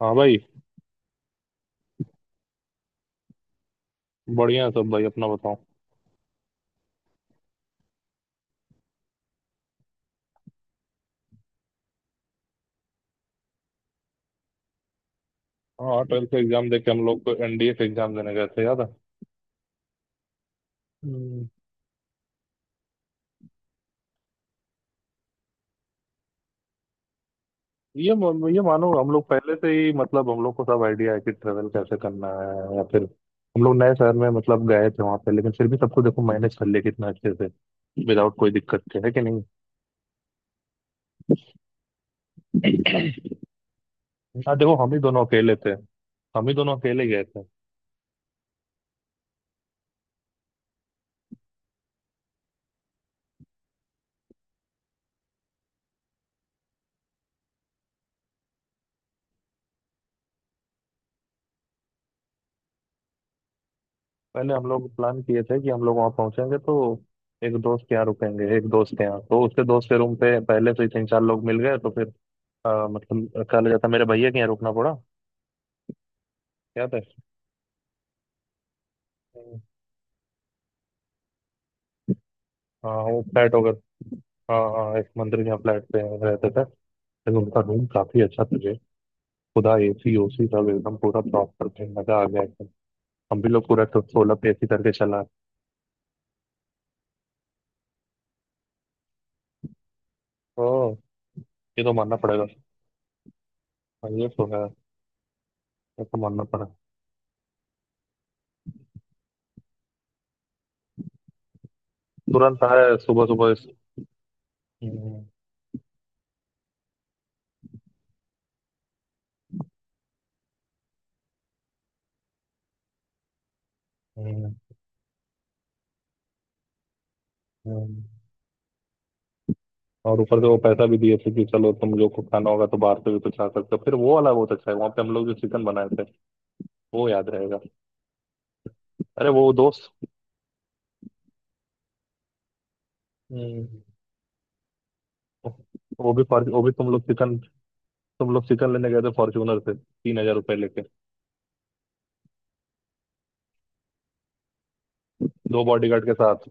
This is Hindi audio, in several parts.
हाँ भाई। बढ़िया है सब भाई, अपना बताओ। हाँ, ट्वेल्थ का एग्जाम देके हम लोग एनडीए का एग्जाम देने गए थे, याद है। हम्म। ये मानो हम लोग पहले से ही मतलब हम लोग को सब आइडिया है कि ट्रेवल कैसे करना है, या फिर हम लोग नए शहर में मतलब गए थे वहां पे, लेकिन फिर भी सबको देखो मैनेज कर लिया कितना अच्छे से, विदाउट कोई दिक्कत के, है कि नहीं। हाँ देखो, हम ही दोनों अकेले थे। हम ही दोनों अकेले गए थे। पहले हम लोग प्लान किए थे कि हम लोग वहाँ पहुंचेंगे तो एक दोस्त के यहाँ रुकेंगे, एक दोस्त के यहाँ, तो उसके दोस्त के रूम पे पहले से ही 3-4 लोग मिल गए तो फिर हाँ, मतलब कल था, मेरे भैया के यहाँ रुकना पड़ा, याद है। हम्म। हाँ, वो फ्लैट होगा। हाँ हाँ, एक मंदिर के यहाँ फ्लैट पे रहते थे। लेकिन उनका रूम काफी अच्छा था जी। खुदा एसी ओसी सब एकदम पूरा प्रॉपर थे, मजा आ गया एकदम। हम भी लोग पूरा 16 पे एसी करके चला है। ओ, ये तो मानना पड़ेगा। हाँ, ये तो है। ये तो मानना पड़ा। तुरंत आए सुबह सुबह हम्म। हम्म, हम्म। और ऊपर से वो पैसा भी दिए थे कि चलो तुम लोग को खाना होगा तो बाहर से भी कुछ खा सकते हो। फिर वो वाला बहुत अच्छा है, वहाँ पे हम लोग जो चिकन बनाए थे वो याद रहेगा। अरे वो दोस्त। हम्म। वो भी फॉर, वो भी तुम लोग चिकन, तुम लोग चिकन लेने गए थे फॉर्च्यूनर से 3,000 रुपये लेके, दो बॉडीगार्ड के साथ।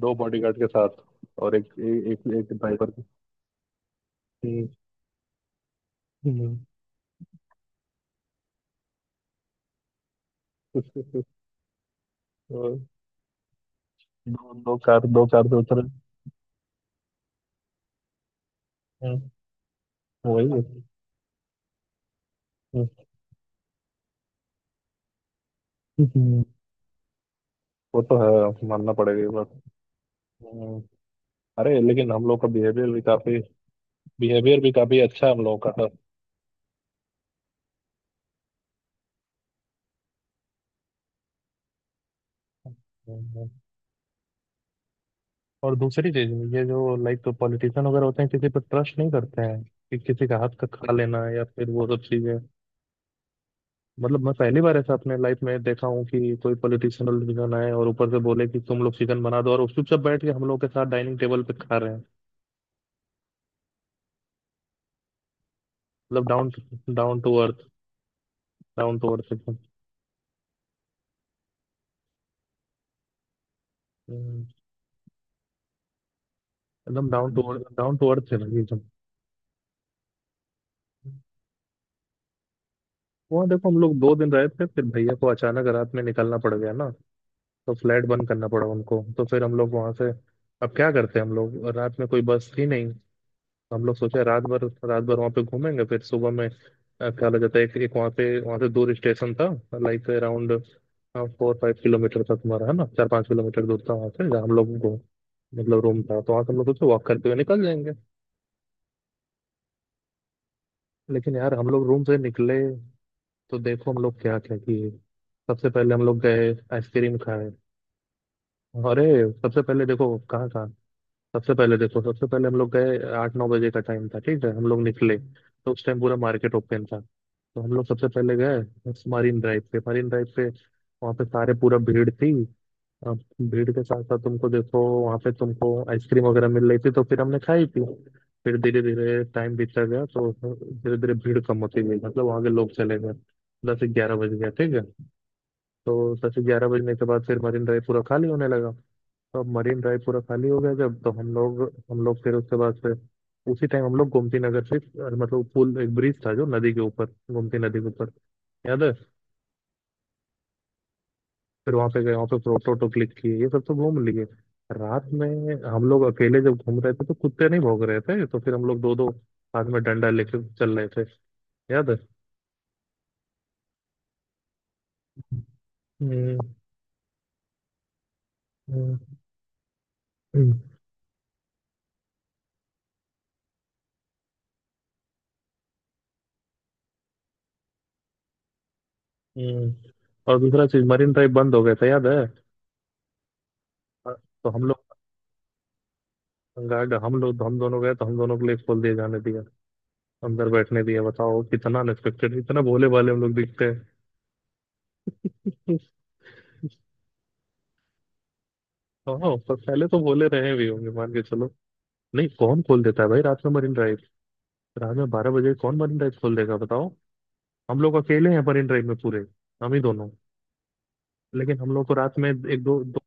दो बॉडीगार्ड के साथ और एक ए, एक एक ड्राइवर के। हम्म, हम्म। उसके- और दो दो कार से उतरे। हम्म, वही है। हम्म। वो तो है, मानना पड़ेगा ये बात। हम्म। अरे लेकिन हम लोग का बिहेवियर भी काफी, बिहेवियर भी काफी अच्छा, हम लोगों का था। और दूसरी चीज ये जो लाइक तो पॉलिटिशियन वगैरह होते हैं, किसी पर ट्रस्ट नहीं करते हैं कि किसी का हाथ का खा लेना या फिर वो सब चीजें। मतलब मैं पहली बार ऐसा अपने लाइफ में देखा हूँ कि कोई पॉलिटिशियन डिसीजन आए और ऊपर से बोले कि तुम लोग चिकन बना दो, और उस चुपचाप बैठ के हम लोग के साथ डाइनिंग टेबल पे खा रहे हैं। मतलब down, down to earth, down to earth एकदम। हम्म। एकदम down to earth, down to earth है भाई एकदम। वहाँ देखो हम लोग दो दिन रहे थे, फिर भैया को अचानक रात में निकलना पड़ गया ना, तो फ्लैट बंद करना पड़ा उनको, तो फिर हम लोग वहां से, अब क्या करते हैं, हम लोग रात में कोई बस थी नहीं। हम लोग सोचे रात भर वहां पे घूमेंगे, फिर सुबह में क्या हो जाता है, एक वहां पे, वहां से दूर स्टेशन था। लाइक अराउंड 4-5 किलोमीटर था, तुम्हारा है ना, 4-5 किलोमीटर दूर था वहां से, जहाँ हम लोग को मतलब रूम था, तो वहां से हम लोग सोचे वॉक करते हुए निकल जाएंगे। लेकिन यार हम लोग रूम से निकले तो देखो हम लोग क्या क्या किए। सबसे पहले हम लोग गए आइसक्रीम खाए। अरे, सबसे पहले देखो कहाँ कहाँ। सबसे पहले देखो, सबसे पहले हम लोग गए, 8-9 बजे का टाइम था ठीक है, हम लोग निकले तो उस टाइम पूरा मार्केट ओपन था। तो हम लोग सबसे पहले गए मरीन ड्राइव पे, मरीन ड्राइव पे वहाँ पे सारे पूरा भीड़ थी। अब भीड़ के साथ साथ तुमको देखो वहाँ पे तुमको आइसक्रीम वगैरह मिल रही थी, तो फिर हमने खाई थी। फिर धीरे धीरे टाइम बीतता गया तो धीरे धीरे भीड़ कम होती गई, मतलब वहाँ के लोग चले गए। 10-11 बज गया ठीक है, तो 10-11 बजने के बाद फिर मरीन ड्राइव पूरा खाली होने लगा। तो अब मरीन ड्राइव पूरा खाली हो गया जब तो हम लोग, हम लोग फिर उसके बाद से, उसी टाइम हम लोग गोमती नगर से मतलब पुल, एक ब्रिज था जो नदी के ऊपर, गोमती नदी के ऊपर, याद है। फिर वहां पे गए, वहां पे फोटो वोटो क्लिक किए, ये सब तो घूम लिए। रात में हम लोग अकेले जब घूम रहे थे तो कुत्ते नहीं भौंक रहे थे तो फिर हम लोग दो दो हाथ में डंडा लेकर चल रहे थे, याद है। हम्म। हम्म। हम्म। हम्म। और दूसरा चीज, मरीन ड्राइव बंद हो गया था, याद है। तो हम लोग, गार्ड, हम लोग हम दोनों गए तो हम दोनों के लिए खोल दिए, जाने दिया, अंदर बैठने दिया। बताओ कितना अनएक्सपेक्टेड, इतना भोले भाले हम लोग दिखते हैं। हाँ, पर पहले तो भोले रहे भी होंगे, मान के चलो। नहीं, कौन खोल देता है भाई रात में मरीन ड्राइव। रात में 12 बजे कौन मरीन ड्राइव खोल देगा बताओ। हम लोग अकेले हैं मरीन ड्राइव में पूरे। हम ही दोनों। लेकिन हम लोग को रात में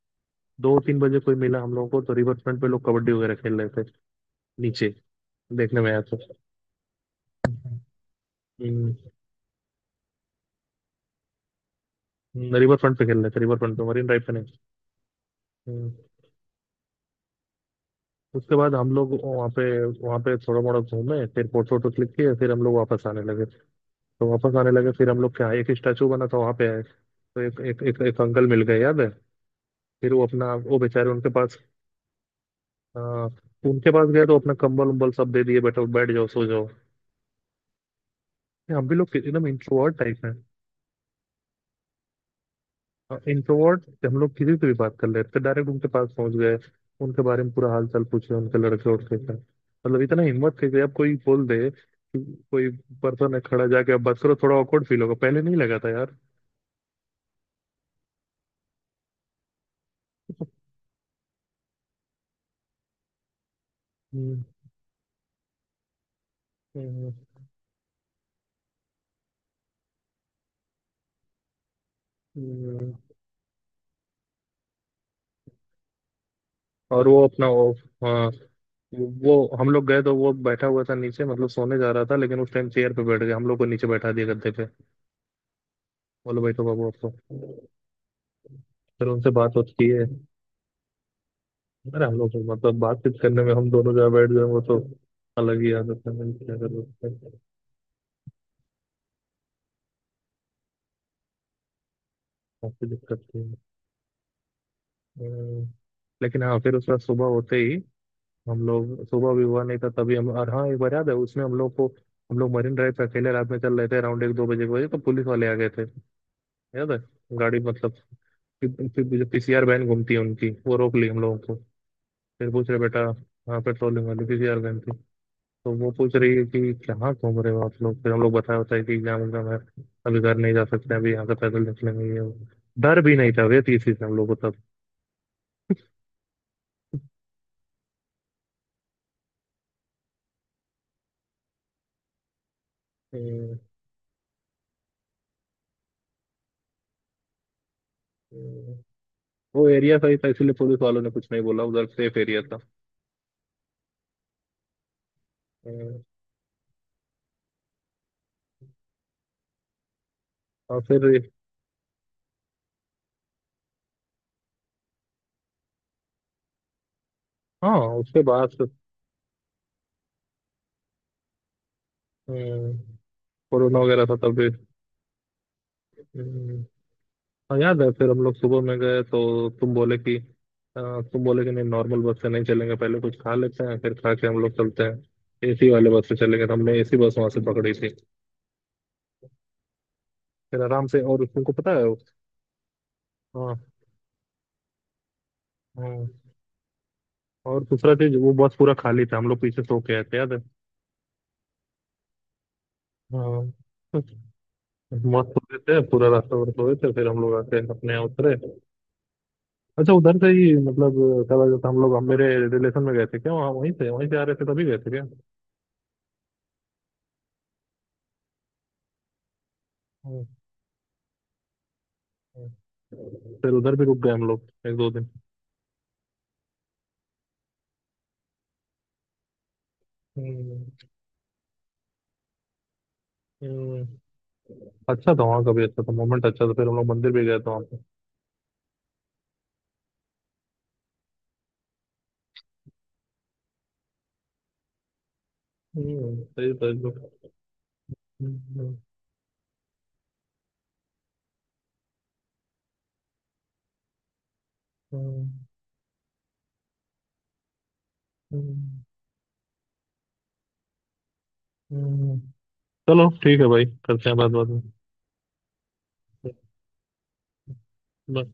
2-3 बजे कोई मिला, हम लोगों को तो रिवर फ्रंट पे लोग कबड्डी वगैरह खेल रहे थे नीचे, देखने में आया तो। हम्म। रिवर फ्रंट पे खेल रहे थे, रिवर फ्रंट पे, मरीन ड्राइव पे नहीं। हम्म। उसके बाद हम लोग वहाँ पे, वहाँ पे थोड़ा मोड़ा घूमे, फिर फोटो वोटो क्लिक किए, फिर हम लोग वापस आने लगे। तो वापस आने लगे फिर हम लोग क्या है, एक स्टैचू बना था वहां पे है, तो एक अंकल मिल गए, याद है। फिर वो अपना वो बेचारे, उनके पास, आ, उनके पास गए तो अपना कंबल उम्बल सब दे दिए, बैठो, बैठ जाओ, सो जाओ। ये हम भी लोग एकदम इंट्रोवर्ट टाइप है। इंट्रोवर्ट, हम लोग किसी से भी बात कर लेते, डायरेक्ट उनके पास पहुंच गए। उनके बारे में पूरा हाल चाल पूछे, उनके लड़के उड़के का, मतलब इतना हिम्मत थी कि अब कोई बोल दे कि कोई पर्सन है खड़ा, जाके अब बात करो थोड़ा ऑकवर्ड फील होगा, पहले नहीं लगा था यार। हम्म। हम्म। हम्म। और वो अपना वो, हाँ वो, हम लोग गए तो वो बैठा हुआ था नीचे, मतलब सोने जा रहा था, लेकिन उस टाइम चेयर पे बैठ गया, हम लोग को नीचे बैठा दिया गद्दे पे, बोलो बैठो बाबू आपको। फिर उनसे बात होती की है। अरे हम लोग तो मतलब बातचीत करने में हम दोनों जहाँ बैठ गए, वो तो अलग ही आदत है, मैंने क्या कर सकते हैं, काफी दिक्कत थी। अम्म, लेकिन हाँ फिर उसके बाद सुबह होते ही, हम लोग सुबह भी हुआ नहीं था तभी हम, और हाँ एक बार याद है उसमें हम लोग को, हम लोग मरीन ड्राइव पे अकेले रात में चल रहे थे अराउंड एक दो बजे के, बजे तो पुलिस वाले आ गए थे, याद है। गाड़ी, मतलब, फिर जो पीसीआर वैन घूमती है उनकी, वो रोक ली हम लोगों को। फिर पूछ रहे, बेटा, हाँ पेट्रोलिंग वाली पीसीआर वैन थी। तो वो पूछ रही है कि कहाँ घूम रहे हो आप लोग, फिर हम लोग बताया बताया कि एग्जाम एग्जाम है, अभी घर नहीं जा सकते, अभी यहाँ से पैदल निकलेंगे ये वो। डर भी नहीं था भैया 30 से हम लोग को तब। हम्म। हम्म। वो एरिया सही था, इसीलिए पुलिस वालों ने कुछ नहीं बोला, उधर सेफ एरिया था। हम्म। और फिर हाँ उसके बाद। हम्म। कोरोना वगैरह था तब भी। हाँ याद है, फिर हम लोग सुबह में गए तो तुम बोले कि तुम बोले कि नहीं नॉर्मल बस से नहीं चलेंगे, पहले कुछ खा लेते हैं, फिर खा के हम लोग चलते हैं एसी वाले बस से चलेंगे, तो हमने एसी बस वहां से पकड़ी थी। फिर आराम से, और तुमको पता है, हाँ हाँ, और दूसरा चीज वो बस पूरा खाली था, हम लोग पीछे सो के आए थे, याद है। हाँ, मस्त सो रहे थे, पूरा रास्ता भर सोए थे, फिर हम लोग आके अपने यहाँ उतरे। अच्छा, उधर से ही मतलब, क्या बोला जाता है, हम लोग, हम मेरे रिलेशन में गए थे क्या वहाँ, वहीं से आ रहे थे तभी गए थे क्या। हम्म। हम्म। फिर उधर भी रुक गए हम लोग एक दो दिन। हम्म। हम्म। अच्छा था वहाँ का भी, अच्छा था मोमेंट, अच्छा था, फिर हम लोग मंदिर भी गए थे वहाँ पे। सही था एकदम। हम्म। हम्म। हम्म। हम्म। चलो ठीक है भाई, करते हैं बात बाद में। हम्म।